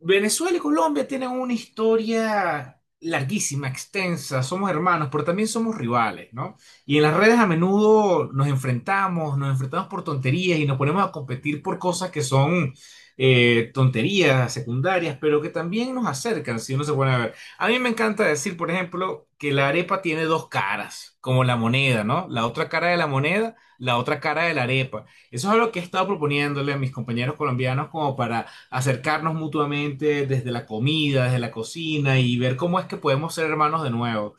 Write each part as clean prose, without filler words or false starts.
Venezuela y Colombia tienen una historia larguísima, extensa, somos hermanos, pero también somos rivales, ¿no? Y en las redes a menudo nos enfrentamos por tonterías y nos ponemos a competir por cosas que son tonterías secundarias, pero que también nos acercan, si uno se pone a ver. A mí me encanta decir, por ejemplo, que la arepa tiene dos caras, como la moneda, ¿no? La otra cara de la moneda, la otra cara de la arepa. Eso es algo que he estado proponiéndole a mis compañeros colombianos como para acercarnos mutuamente desde la comida, desde la cocina y ver cómo es que podemos ser hermanos de nuevo.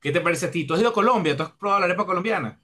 ¿Qué te parece a ti? ¿Tú has ido a Colombia? ¿Tú has probado la arepa colombiana?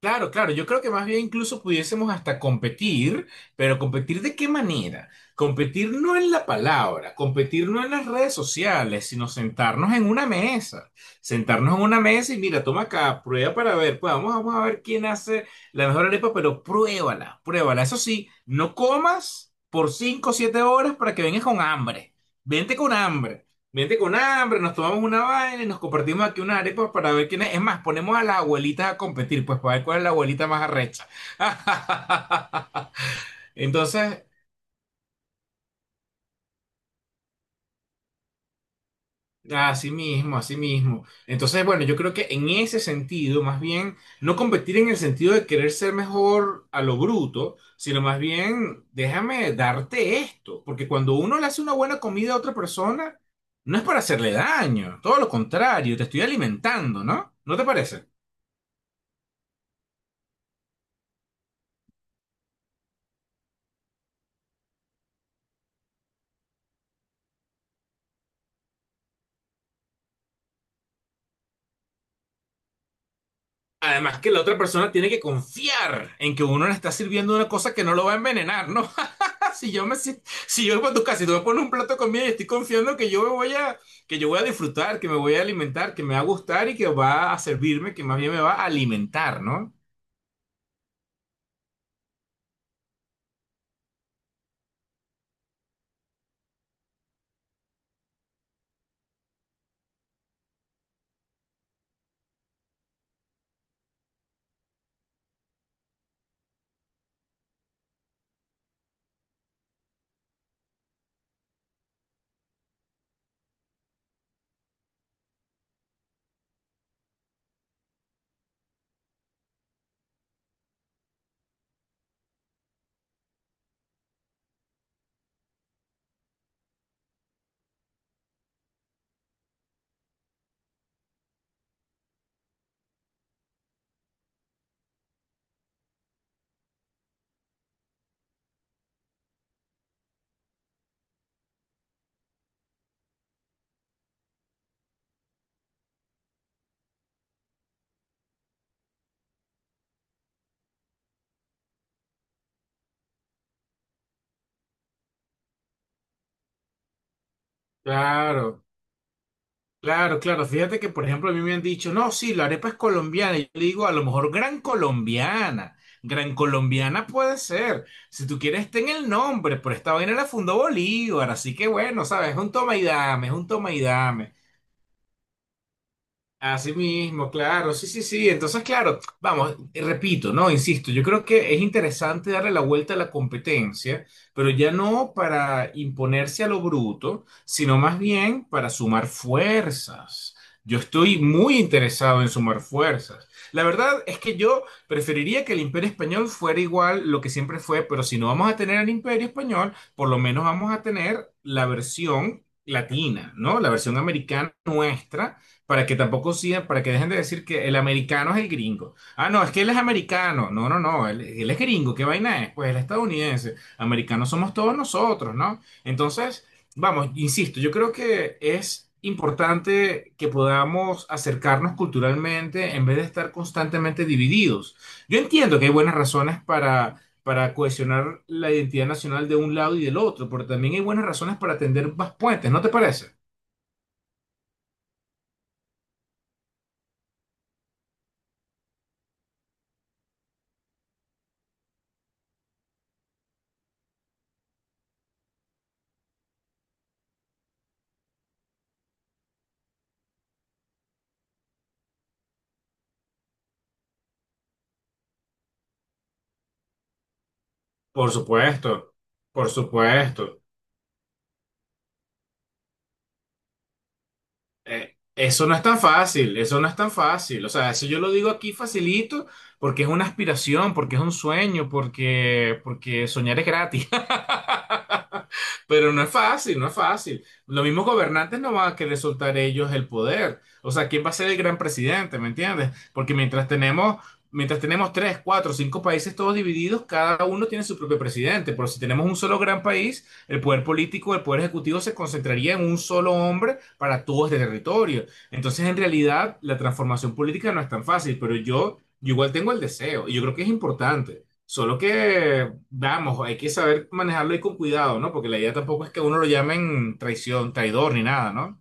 Claro, claro, yo creo que más bien incluso pudiésemos hasta competir, pero ¿competir de qué manera? Competir no en la palabra, competir no en las redes sociales, sino sentarnos en una mesa, sentarnos en una mesa y mira, toma acá, prueba para ver, pues vamos, vamos a ver quién hace la mejor arepa, pero pruébala, pruébala. Eso sí, no comas por 5 o 7 horas para que vengas con hambre, vente con hambre. Vente con hambre, nos tomamos una vaina y nos compartimos aquí unas arepas para ver quién es. Es más, ponemos a las abuelitas a competir, pues para ver cuál es la abuelita más arrecha. Entonces, así mismo, así mismo. Entonces, bueno, yo creo que en ese sentido, más bien, no competir en el sentido de querer ser mejor a lo bruto, sino más bien, déjame darte esto, porque cuando uno le hace una buena comida a otra persona, no es para hacerle daño, todo lo contrario, te estoy alimentando, ¿no? ¿No te parece? Además que la otra persona tiene que confiar en que uno le está sirviendo una cosa que no lo va a envenenar, ¿no? Si yo me si, si yo voy a tu casa y tú me pones un plato de comida y estoy confiando que yo me voy a que yo voy a disfrutar, que me voy a alimentar, que me va a gustar y que va a servirme, que más bien me va a alimentar, ¿no? Claro. Claro, claro. Fíjate que, por ejemplo, a mí me han dicho, no, sí, la arepa es colombiana. Y yo le digo, a lo mejor gran colombiana. Gran colombiana puede ser. Si tú quieres, ten el nombre, pero esta vaina la fundó Bolívar. Así que bueno, ¿sabes? Es un toma y dame, es un toma y dame. Así mismo, claro, sí, sí, sí. Entonces, claro, vamos, repito, ¿no? Insisto, yo creo que es interesante darle la vuelta a la competencia, pero ya no para imponerse a lo bruto, sino más bien para sumar fuerzas. Yo estoy muy interesado en sumar fuerzas. La verdad es que yo preferiría que el Imperio Español fuera igual lo que siempre fue, pero si no vamos a tener el Imperio Español, por lo menos vamos a tener la versión latina, ¿no? La versión americana nuestra para que tampoco sigan, para que dejen de decir que el americano es el gringo. Ah, no, es que él es americano. No, no, no, él es gringo. ¿Qué vaina es? Pues él es estadounidense. Americanos somos todos nosotros, ¿no? Entonces, vamos, insisto, yo creo que es importante que podamos acercarnos culturalmente en vez de estar constantemente divididos. Yo entiendo que hay buenas razones para cohesionar la identidad nacional de un lado y del otro, pero también hay buenas razones para tender más puentes, ¿no te parece? Por supuesto, por supuesto. Eso no es tan fácil, eso no es tan fácil. O sea, eso yo lo digo aquí facilito porque es una aspiración, porque es un sueño, porque, porque soñar es gratis. Pero no es fácil, no es fácil. Los mismos gobernantes no van a querer soltar ellos el poder. O sea, ¿quién va a ser el gran presidente? ¿Me entiendes? Porque mientras tenemos tres, cuatro, cinco países todos divididos, cada uno tiene su propio presidente. Pero si tenemos un solo gran país, el poder político, el poder ejecutivo se concentraría en un solo hombre para todo este territorio. Entonces, en realidad, la transformación política no es tan fácil, pero yo igual tengo el deseo y yo creo que es importante. Solo que, vamos, hay que saber manejarlo y con cuidado, ¿no? Porque la idea tampoco es que a uno lo llamen traición, traidor ni nada, ¿no?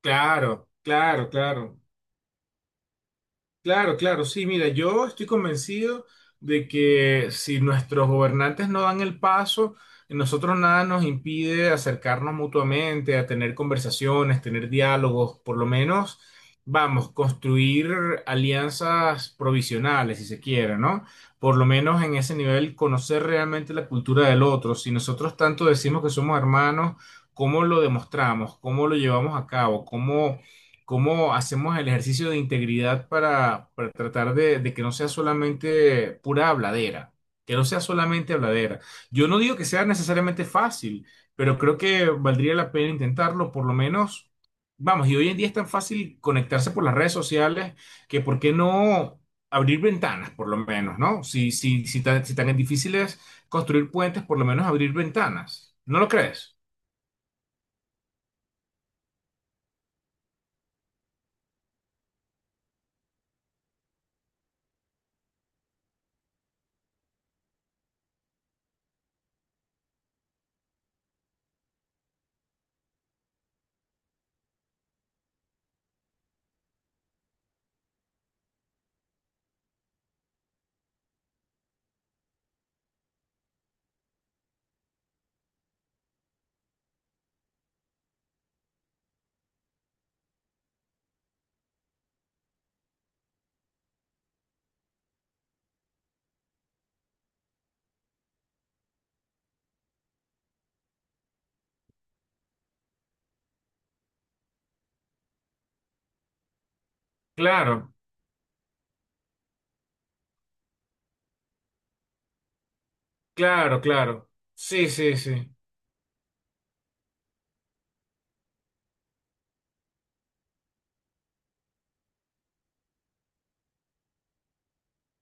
Claro, claro, claro. Claro, claro, sí, mira, yo estoy convencido de que si nuestros gobernantes no dan el paso, nosotros nada nos impide acercarnos mutuamente, a tener conversaciones, tener diálogos, por lo menos, vamos, construir alianzas provisionales, si se quiere, ¿no? Por lo menos en ese nivel, conocer realmente la cultura del otro. Si nosotros tanto decimos que somos hermanos, ¿cómo lo demostramos? ¿Cómo lo llevamos a cabo? ¿Cómo hacemos el ejercicio de integridad para tratar de que no sea solamente pura habladera, que no sea solamente habladera. Yo no digo que sea necesariamente fácil, pero creo que valdría la pena intentarlo, por lo menos, vamos, y hoy en día es tan fácil conectarse por las redes sociales que por qué no abrir ventanas, por lo menos, ¿no? Si tan difícil es construir puentes, por lo menos abrir ventanas. ¿No lo crees? Claro, claro, claro. Sí, sí, sí.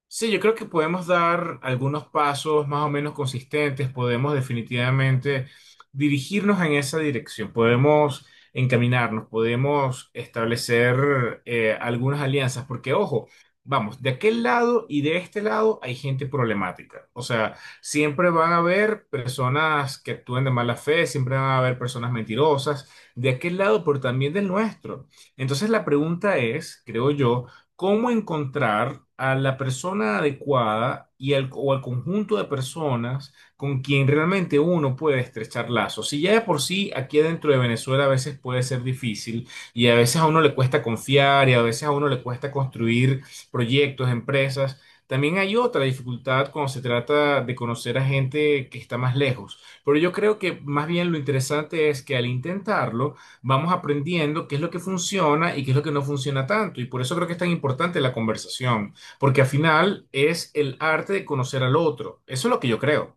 Sí, yo creo que podemos dar algunos pasos más o menos consistentes, podemos definitivamente dirigirnos en esa dirección, podemos encaminarnos, podemos establecer algunas alianzas, porque ojo, vamos, de aquel lado y de este lado hay gente problemática, o sea, siempre van a haber personas que actúen de mala fe, siempre van a haber personas mentirosas, de aquel lado, pero también del nuestro. Entonces la pregunta es, creo yo, cómo encontrar a la persona adecuada y al, o al conjunto de personas con quien realmente uno puede estrechar lazos. Si ya de por sí aquí dentro de Venezuela a veces puede ser difícil y a veces a uno le cuesta confiar y a veces a uno le cuesta construir proyectos, empresas. También hay otra dificultad cuando se trata de conocer a gente que está más lejos. Pero yo creo que más bien lo interesante es que al intentarlo, vamos aprendiendo qué es lo que funciona y qué es lo que no funciona tanto. Y por eso creo que es tan importante la conversación, porque al final es el arte de conocer al otro. Eso es lo que yo creo.